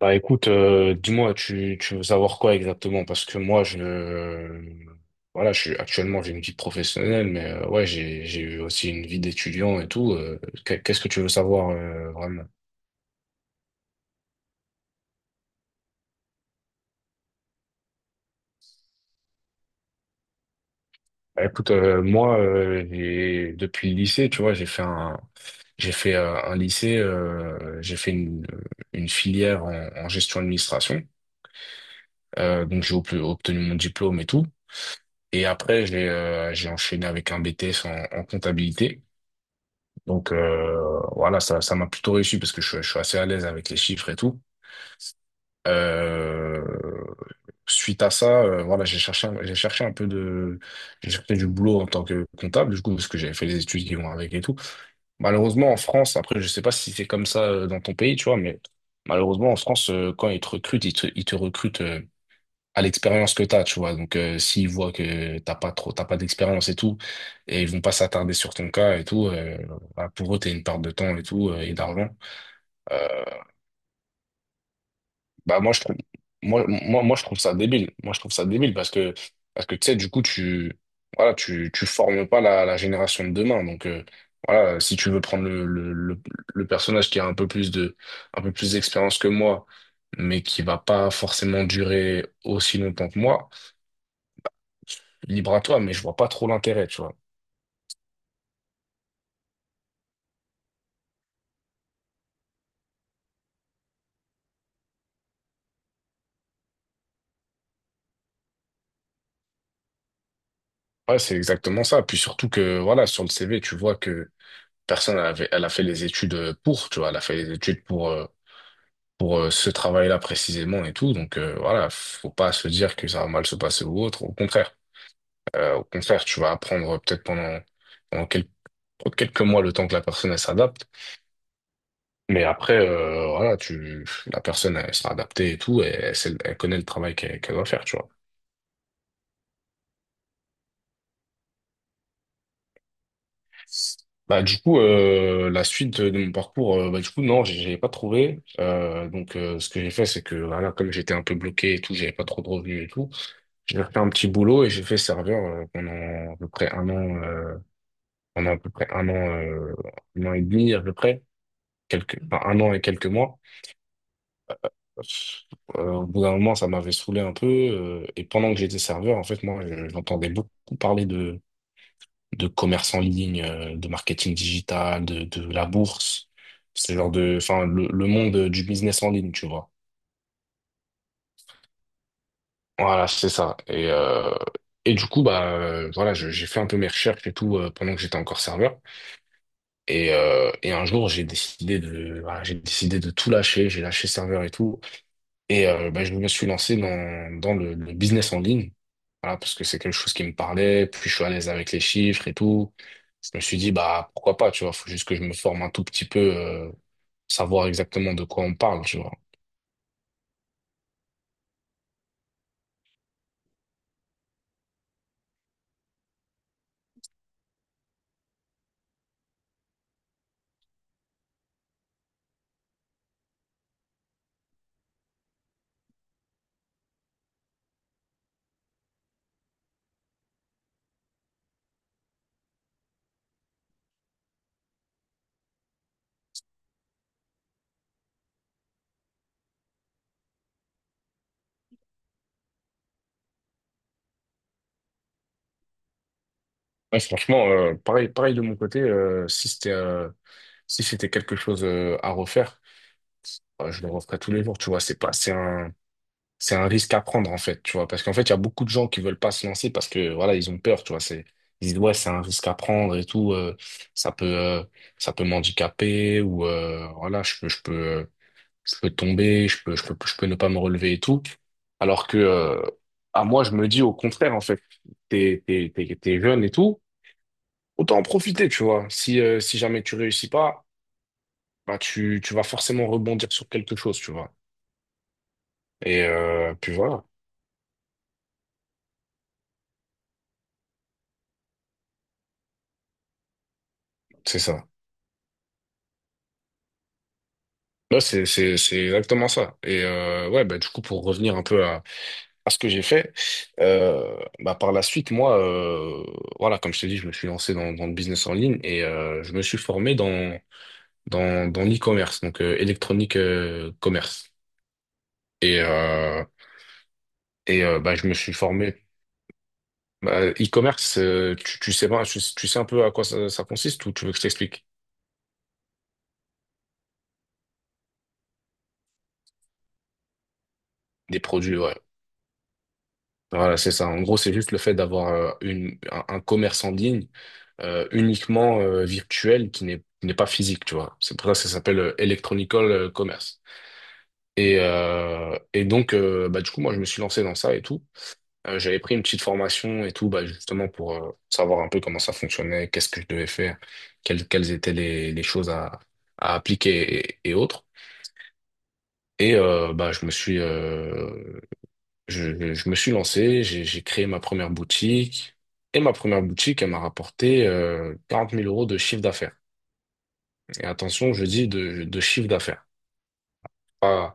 Bah écoute, dis-moi, tu veux savoir quoi exactement? Parce que moi, voilà, je suis actuellement j'ai une vie professionnelle, mais ouais, j'ai eu aussi une vie d'étudiant et tout. Qu'est-ce que tu veux savoir vraiment? Bah, écoute, moi, depuis le lycée, tu vois, j'ai fait un lycée, j'ai fait une filière en gestion administration. Donc j'ai obtenu mon diplôme et tout. Et après, j'ai enchaîné avec un BTS en comptabilité. Donc voilà, ça m'a plutôt réussi parce que je suis assez à l'aise avec les chiffres et tout. Euh, Suite à ça, voilà, j'ai cherché un peu de, j'ai cherché du boulot en tant que comptable, du coup, parce que j'avais fait les études qui vont avec et tout. Malheureusement, en France, après, je sais pas si c'est comme ça dans ton pays, tu vois, mais malheureusement, en France, quand ils te recrutent, ils te recrutent, à l'expérience que t'as, tu vois. Donc, s'ils voient que t'as pas trop, t'as pas d'expérience et tout, et ils vont pas s'attarder sur ton cas et tout, bah, pour eux, t'es une perte de temps et tout, et d'argent. Euh, Bah, moi, je trouve ça débile. Moi, je trouve ça débile parce que, tu sais, du coup, voilà, tu formes pas la génération de demain. Donc, voilà, si tu veux prendre le personnage qui a un peu plus de, un peu plus d'expérience que moi, mais qui va pas forcément durer aussi longtemps que moi, libre à toi, mais je vois pas trop l'intérêt, tu vois. Ouais, c'est exactement ça. Puis surtout que, voilà, sur le CV, tu vois que elle a fait les études pour, tu vois, elle a fait les études pour ce travail-là précisément et tout. Donc, voilà, faut pas se dire que ça va mal se passer ou autre. Au contraire, tu vas apprendre peut-être pendant, pendant quel- quelques mois le temps que la personne, elle s'adapte. Mais après, voilà, la personne, elle sera adaptée et tout, et elle connaît le travail qu'elle doit faire, tu vois. Bah, du coup, la suite de mon parcours, bah, du coup, non, j'avais pas trouvé. Donc, ce que j'ai fait, c'est que, voilà, comme j'étais un peu bloqué et tout, j'avais pas trop de revenus et tout, j'ai fait un petit boulot et j'ai fait serveur pendant à peu près un an, pendant à peu près un an, euh, un an et demi à peu près, enfin, un an et quelques mois. Au bout d'un moment, ça m'avait saoulé un peu. Et pendant que j'étais serveur, en fait, moi, j'entendais beaucoup parler de commerce en ligne, de marketing digital, de la bourse, ce genre de, enfin, le monde du business en ligne, tu vois. Voilà, c'est ça. Et du coup, bah, voilà, j'ai fait un peu mes recherches et tout pendant que j'étais encore serveur. Et un jour, voilà, j'ai décidé de tout lâcher. J'ai lâché serveur et tout. Et bah, je me suis lancé dans le business en ligne, voilà, parce que c'est quelque chose qui me parlait, puis je suis à l'aise avec les chiffres et tout. Je me suis dit, bah pourquoi pas, tu vois, faut juste que je me forme un tout petit peu, savoir exactement de quoi on parle, tu vois. Ouais, franchement, pareil, pareil de mon côté, si c'était quelque chose à refaire, je le referais tous les jours, tu vois. C'est pas, c'est un risque à prendre en fait, tu vois, parce qu'en fait, il y a beaucoup de gens qui veulent pas se lancer parce que voilà, ils ont peur, tu vois, c'est ils disent ouais, c'est un risque à prendre et tout, ça peut euh, ça peut m'handicaper ou voilà, je peux tomber, je peux ne pas me relever et tout. Alors que à moi, je me dis au contraire en fait, t'es jeune et tout, autant en profiter, tu vois. Si jamais tu réussis pas, bah tu vas forcément rebondir sur quelque chose, tu vois. Et puis voilà, c'est ça. Là, c'est exactement ça. Et ouais, bah, du coup, pour revenir un peu à, ce que j'ai fait, bah, par la suite, moi, voilà, comme je t'ai dit, je me suis lancé dans le business en ligne et je me suis formé dans l'e-commerce, donc électronique commerce. Et, euh, et bah, je me suis formé. Bah, e-commerce, tu, tu sais, pas- tu sais un peu à quoi ça consiste ou tu veux que je t'explique? Des produits, ouais. Voilà, c'est ça. En gros, c'est juste le fait d'avoir un commerce en ligne uniquement virtuel qui n'est pas physique, tu vois. C'est pour ça que ça s'appelle Electronical Commerce. Et donc, bah, du coup, moi, je me suis lancé dans ça et tout. J'avais pris une petite formation et tout, bah, justement pour savoir un peu comment ça fonctionnait, qu'est-ce que je devais faire, quelles étaient les choses à, appliquer et, autres. Et bah, je me suis lancé, j'ai créé ma première boutique. Et ma première boutique, elle m'a rapporté 40 000 euros de chiffre d'affaires. Et attention, je dis de chiffre d'affaires. Ah,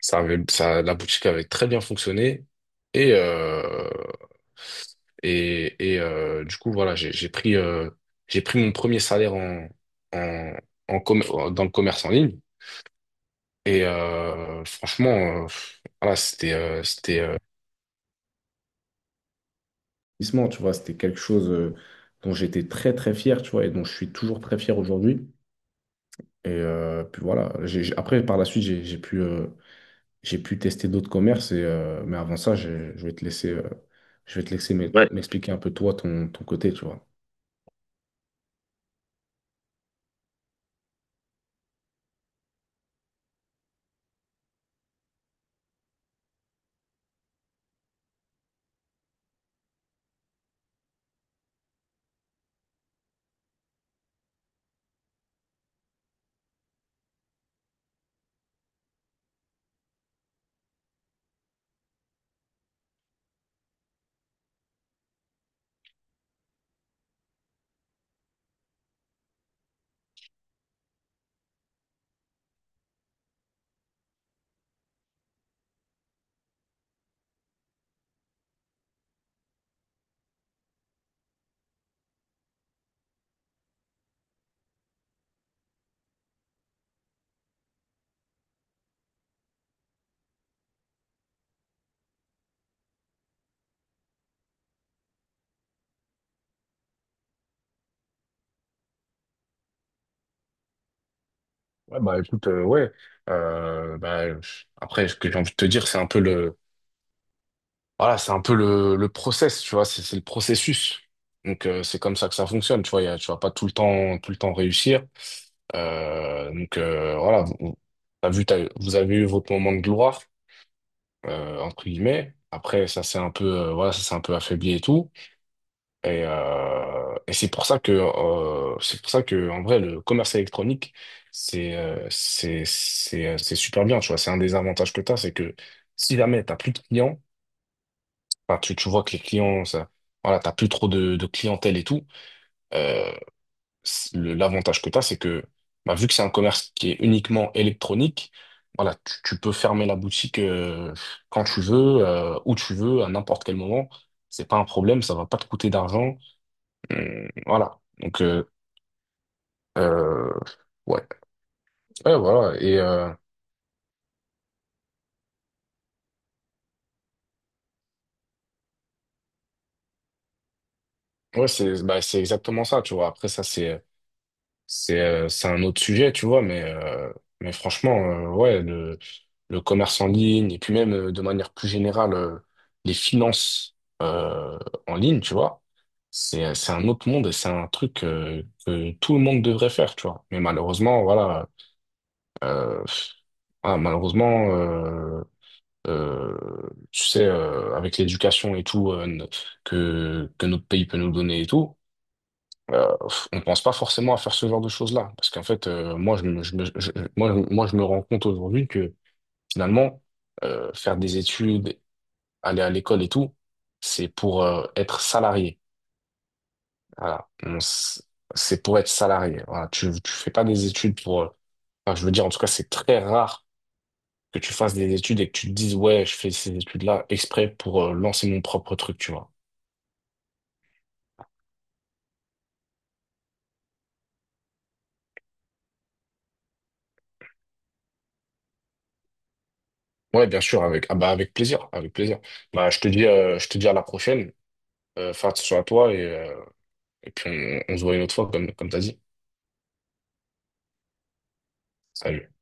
ça, la boutique avait très bien fonctionné. Et, euh, et, du coup, voilà, j'ai pris mon premier salaire en, en, en commer- dans le commerce en ligne. Et franchement, voilà, investissement, tu vois, c'était quelque chose dont j'étais très très fier, tu vois, et dont je suis toujours très fier aujourd'hui. Et puis voilà, après par la suite, j'ai pu tester d'autres commerces, et, mais avant ça, je vais te laisser, ouais, m'expliquer un peu toi, ton côté, tu vois. Ouais, bah écoute, ouais. Après, ce que j'ai envie de te dire, c'est un peu le, voilà, c'est un peu le process, tu vois, c'est le processus. Donc, c'est comme ça que ça fonctionne, tu vois, tu vas pas tout le temps, tout le temps réussir. Donc voilà, t'as vu, vous avez eu votre moment de gloire, entre guillemets. Après, ça s'est un peu, voilà, ça s'est un peu affaibli et tout. Et c'est pour ça que, en vrai, le commerce électronique, c'est super bien. Tu vois, c'est un des avantages que t'as, c'est que si jamais t'as plus de clients, enfin, tu vois que les clients, ça, voilà, t'as plus trop de clientèle et tout. euh, L'avantage que tu as, c'est que bah, vu que c'est un commerce qui est uniquement électronique, voilà, tu peux fermer la boutique quand tu veux, où tu veux, à n'importe quel moment. C'est pas un problème, ça va pas te coûter d'argent. Voilà. Donc euh, ouais, ouais, voilà. Et ouais, c'est bah, c'est exactement ça, tu vois. Après ça, c'est un autre sujet, tu vois, mais franchement, ouais, le commerce en ligne et puis même de manière plus générale, les finances euh, en ligne, tu vois, c'est un autre monde et c'est un truc que tout le monde devrait faire, tu vois. Mais malheureusement, voilà, euh, voilà, malheureusement, euh, euh, tu sais, avec l'éducation et tout que, notre pays peut nous donner et tout, euh, on pense pas forcément à faire ce genre de choses-là. Parce qu'en fait, moi, je me, je me- je- moi, je- moi, je me rends compte aujourd'hui que finalement, faire des études, aller à l'école et tout, c'est pour être salarié. Voilà. C'est pour être salarié. Voilà. Tu fais pas des études pour. Enfin, je veux dire, en tout cas, c'est très rare que tu fasses des études et que tu te dises, ouais, je fais ces études-là exprès pour lancer mon propre truc, tu vois. Ouais, bien sûr, ah bah, avec plaisir, avec plaisir. Bah, je te dis à la prochaine. Fais attention à toi et puis on se voit une autre fois, comme t'as dit. Salut.